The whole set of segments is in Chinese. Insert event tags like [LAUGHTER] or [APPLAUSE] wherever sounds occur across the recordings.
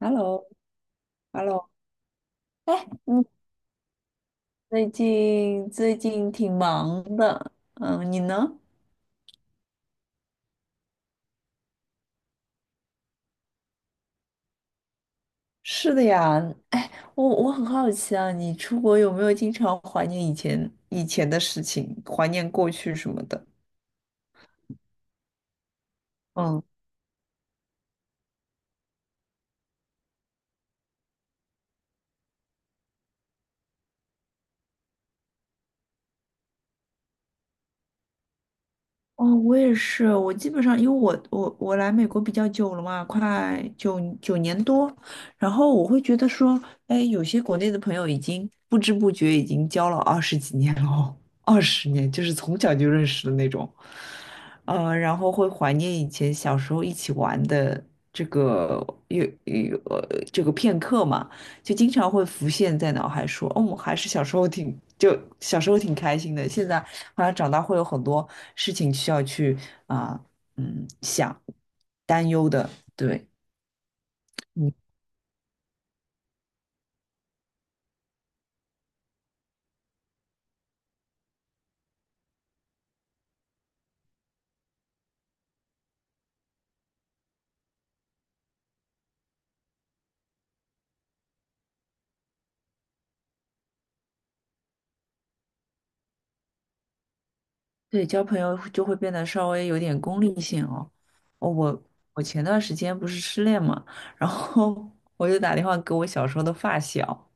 Hello,Hello。嗯，最近挺忙的，你呢？是的呀。哎，我很好奇啊，你出国有没有经常怀念以前的事情，怀念过去什么的？嗯。哦，我也是，我基本上因为我来美国比较久了嘛，快九年多，然后我会觉得说，哎，有些国内的朋友不知不觉已经交了二十几年了哦，二十年就是从小就认识的那种。然后会怀念以前小时候一起玩的这个有有呃这个片刻嘛，就经常会浮现在脑海说，哦，我还是小时候小时候挺开心的，现在。后来长大会有很多事情需要去啊、想担忧的，对。嗯，对，交朋友就会变得稍微有点功利性哦。哦，我前段时间不是失恋嘛，然后 [LAUGHS] 我就打电话给我小时候的发小，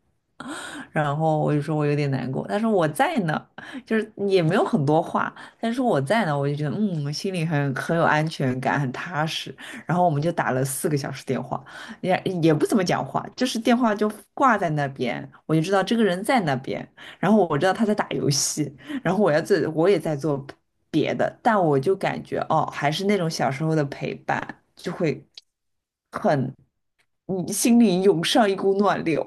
然后我就说我有点难过，他说我在呢，就是也没有很多话，但是我在呢，我就觉得心里很有安全感，很踏实。然后我们就打了四个小时电话，也不怎么讲话，就是电话就挂在那边，我就知道这个人在那边，然后我知道他在打游戏，然后我要做，我也在做别的，但我就感觉哦，还是那种小时候的陪伴，就会很，你心里涌上一股暖流。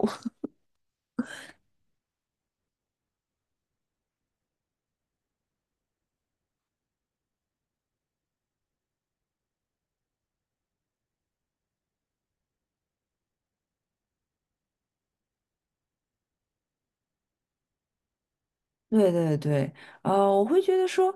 对对对。我会觉得说，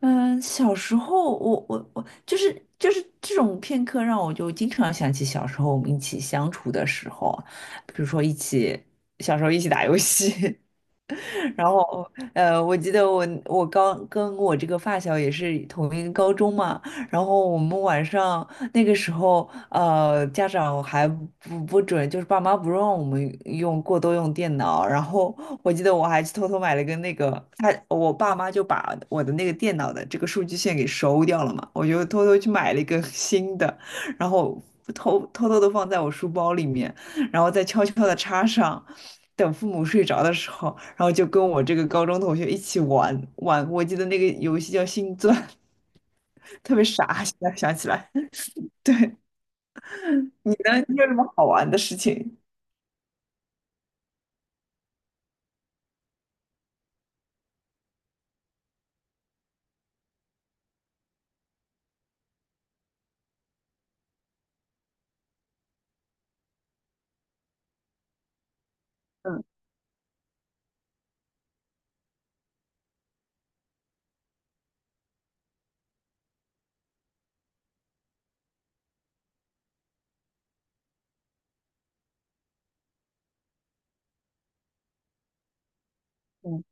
嗯、小时候我就是这种片刻让我就经常想起小时候我们一起相处的时候啊，比如说小时候一起打游戏，然后，呃，我记得我刚跟我这个发小也是同一个高中嘛，然后我们晚上那个时候，呃，家长还不不准，就是爸妈不让我们用过多用电脑，然后我记得我还去偷偷买了个那个，我爸妈就把我的那个电脑的这个数据线给收掉了嘛，我就偷偷去买了一个新的，然后偷的放在我书包里面。然后再悄悄的插上，等父母睡着的时候，然后就跟我这个高中同学一起玩玩。我记得那个游戏叫星钻，[LAUGHS] 特别傻，现在想起来。[LAUGHS] 对。你呢？你有什么好玩的事情？嗯嗯。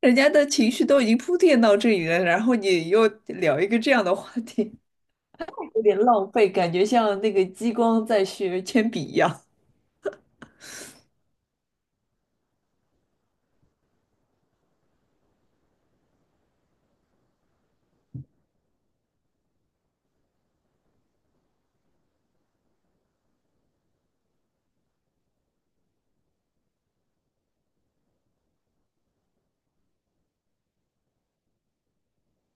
人家的情绪都已经铺垫到这里了，然后你又聊一个这样的话题，[LAUGHS] 有点浪费，感觉像那个激光在学铅笔一样。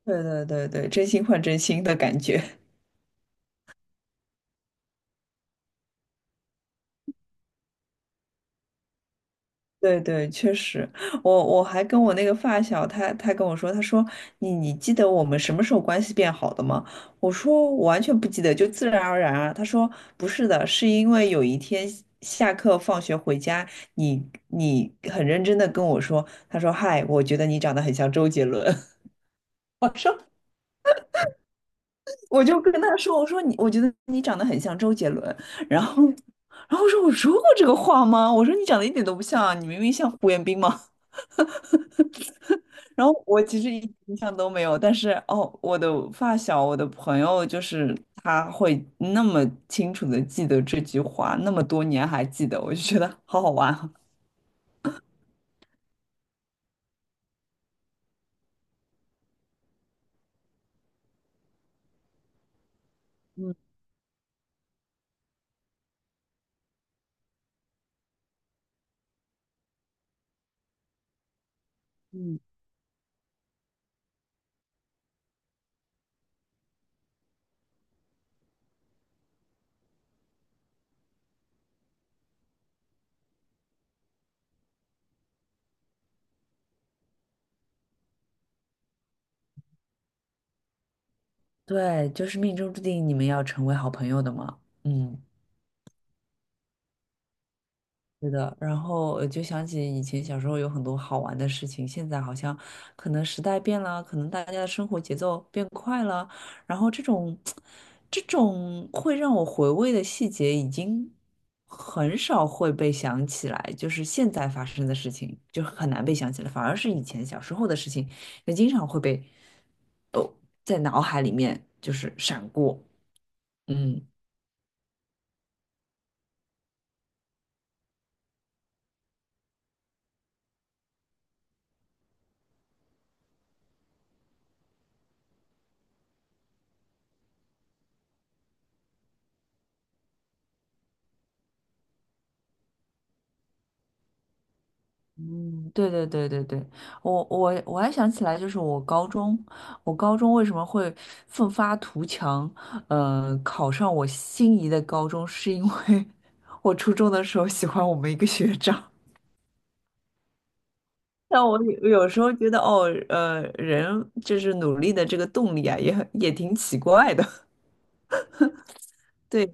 对对对对，真心换真心的感觉。对对，确实。我还跟我那个发小，他跟我说，他说你你记得我们什么时候关系变好的吗？我说我完全不记得，就自然而然啊。他说不是的，是因为有一天下课放学回家，你你很认真的跟我说，他说嗨，我觉得你长得很像周杰伦。[LAUGHS] 我说我就跟他说，我说我觉得你长得很像周杰伦，然后然后我说我说过这个话吗？我说你长得一点都不像啊，你明明像胡彦斌吗？然后我其实一点印象都没有，但是哦，我的发小，我的朋友，就是他会那么清楚的记得这句话，那么多年还记得，我就觉得好好玩啊。对，就是命中注定你们要成为好朋友的嘛。嗯。是的。然后就想起以前小时候有很多好玩的事情，现在好像可能时代变了，可能大家的生活节奏变快了，然后这种会让我回味的细节已经很少会被想起来，就是现在发生的事情就很难被想起来，反而是以前小时候的事情，也经常会被哦在脑海里面就是闪过。嗯。嗯，对对对对对。我还想起来，就是我高中为什么会奋发图强，呃，考上我心仪的高中，是因为 [LAUGHS] 我初中的时候喜欢我们一个学长。但我有时候觉得，哦，呃，人就是努力的这个动力啊，也很也挺奇怪的。[LAUGHS] 对。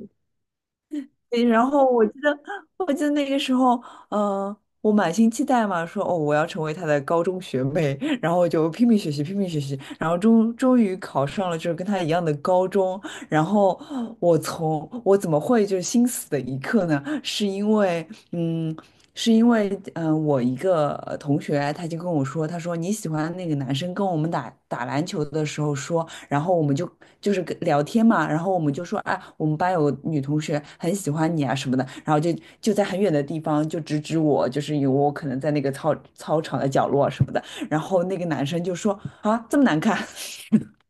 对然后我记得，我记得那个时候，呃，我满心期待嘛，说哦，我要成为他的高中学妹，[LAUGHS] 然后我就拼命学习，拼命学习，然后终于考上了就是跟他一样的高中。然后我从我怎么会就是心死的一刻呢？是因为，嗯，是因为，嗯、我一个同学他就跟我说，他说你喜欢那个男生跟我们打篮球的时候说。然后我们就就是跟聊天嘛，然后我们就说，哎，我们班有女同学很喜欢你啊什么的，然后就就在很远的地方就指指我，就是有我可能在那个操场的角落什么的，然后那个男生就说啊这么难看。[LAUGHS]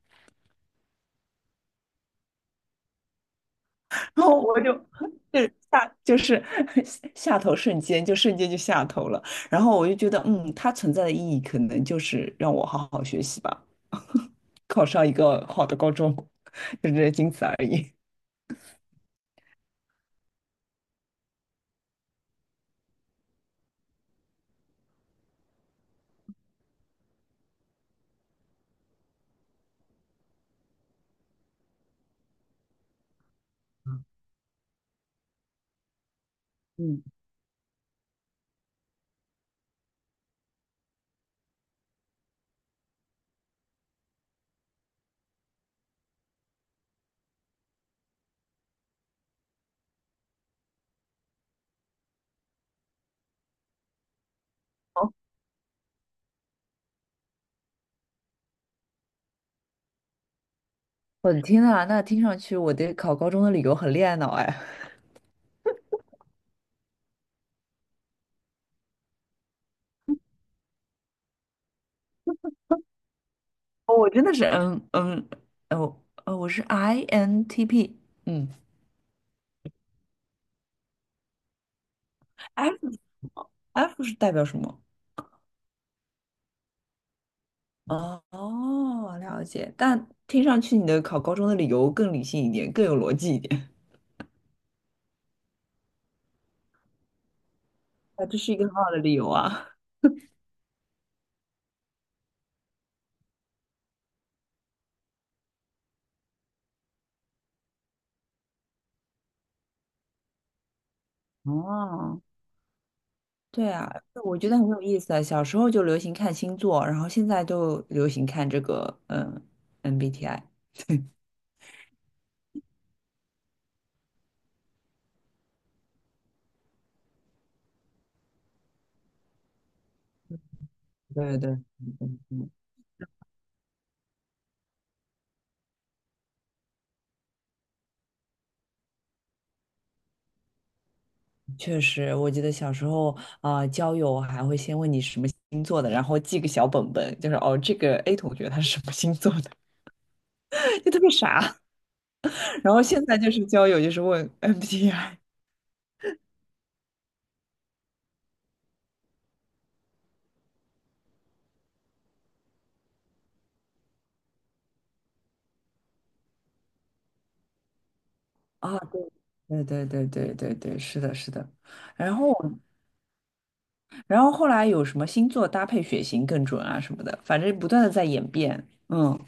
然后我就就是下就是 [LAUGHS] 下头瞬间就瞬间就下头了，然后我就觉得嗯，它存在的意义可能就是让我好好学习吧，考上一个好的高中，[LAUGHS] 就这仅此而已。嗯。我的天呐，那听上去我对考高中的理由很恋爱脑哎。[LAUGHS] 哦我真的是哦哦，我是 INTP。嗯，F， F 是代表什么？哦哦，了解。但听上去你的考高中的理由更理性一点，更有逻辑一点。啊，这是一个很好的理由啊。哦，对啊。我觉得很有意思啊。小时候就流行看星座，然后现在就流行看这个MBTI。对对。嗯嗯嗯确实，我记得小时候啊、交友还会先问你什么星座的，然后记个小本本，就是哦，这个 A 同学他是什么星座的，[LAUGHS] 就特别傻。然后现在就是交友，就是问 MBTI 啊。对对对对对对，是的，是的。然后，然后后来有什么星座搭配血型更准啊什么的，反正不断的在演变。嗯。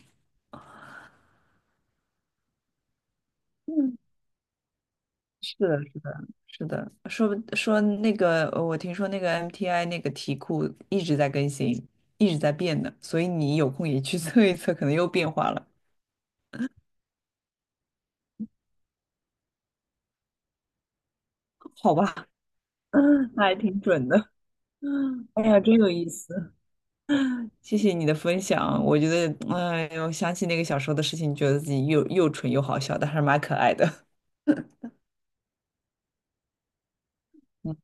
是的，是的，是的。说说那个，呃我听说那个 MTI 那个题库一直在更新，一直在变的，所以你有空也去 [LAUGHS] 测一测，可能又变化了，好吧？[LAUGHS] 那还挺准的。哎呀，真有意思，谢谢你的分享。我觉得，哎呦，想起那个小时候的事情，觉得自己又蠢又好笑，但是蛮可爱的。[LAUGHS] 嗯，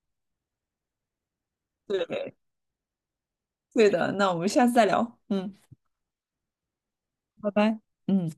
对。对的。那我们下次再聊。嗯，拜拜。嗯。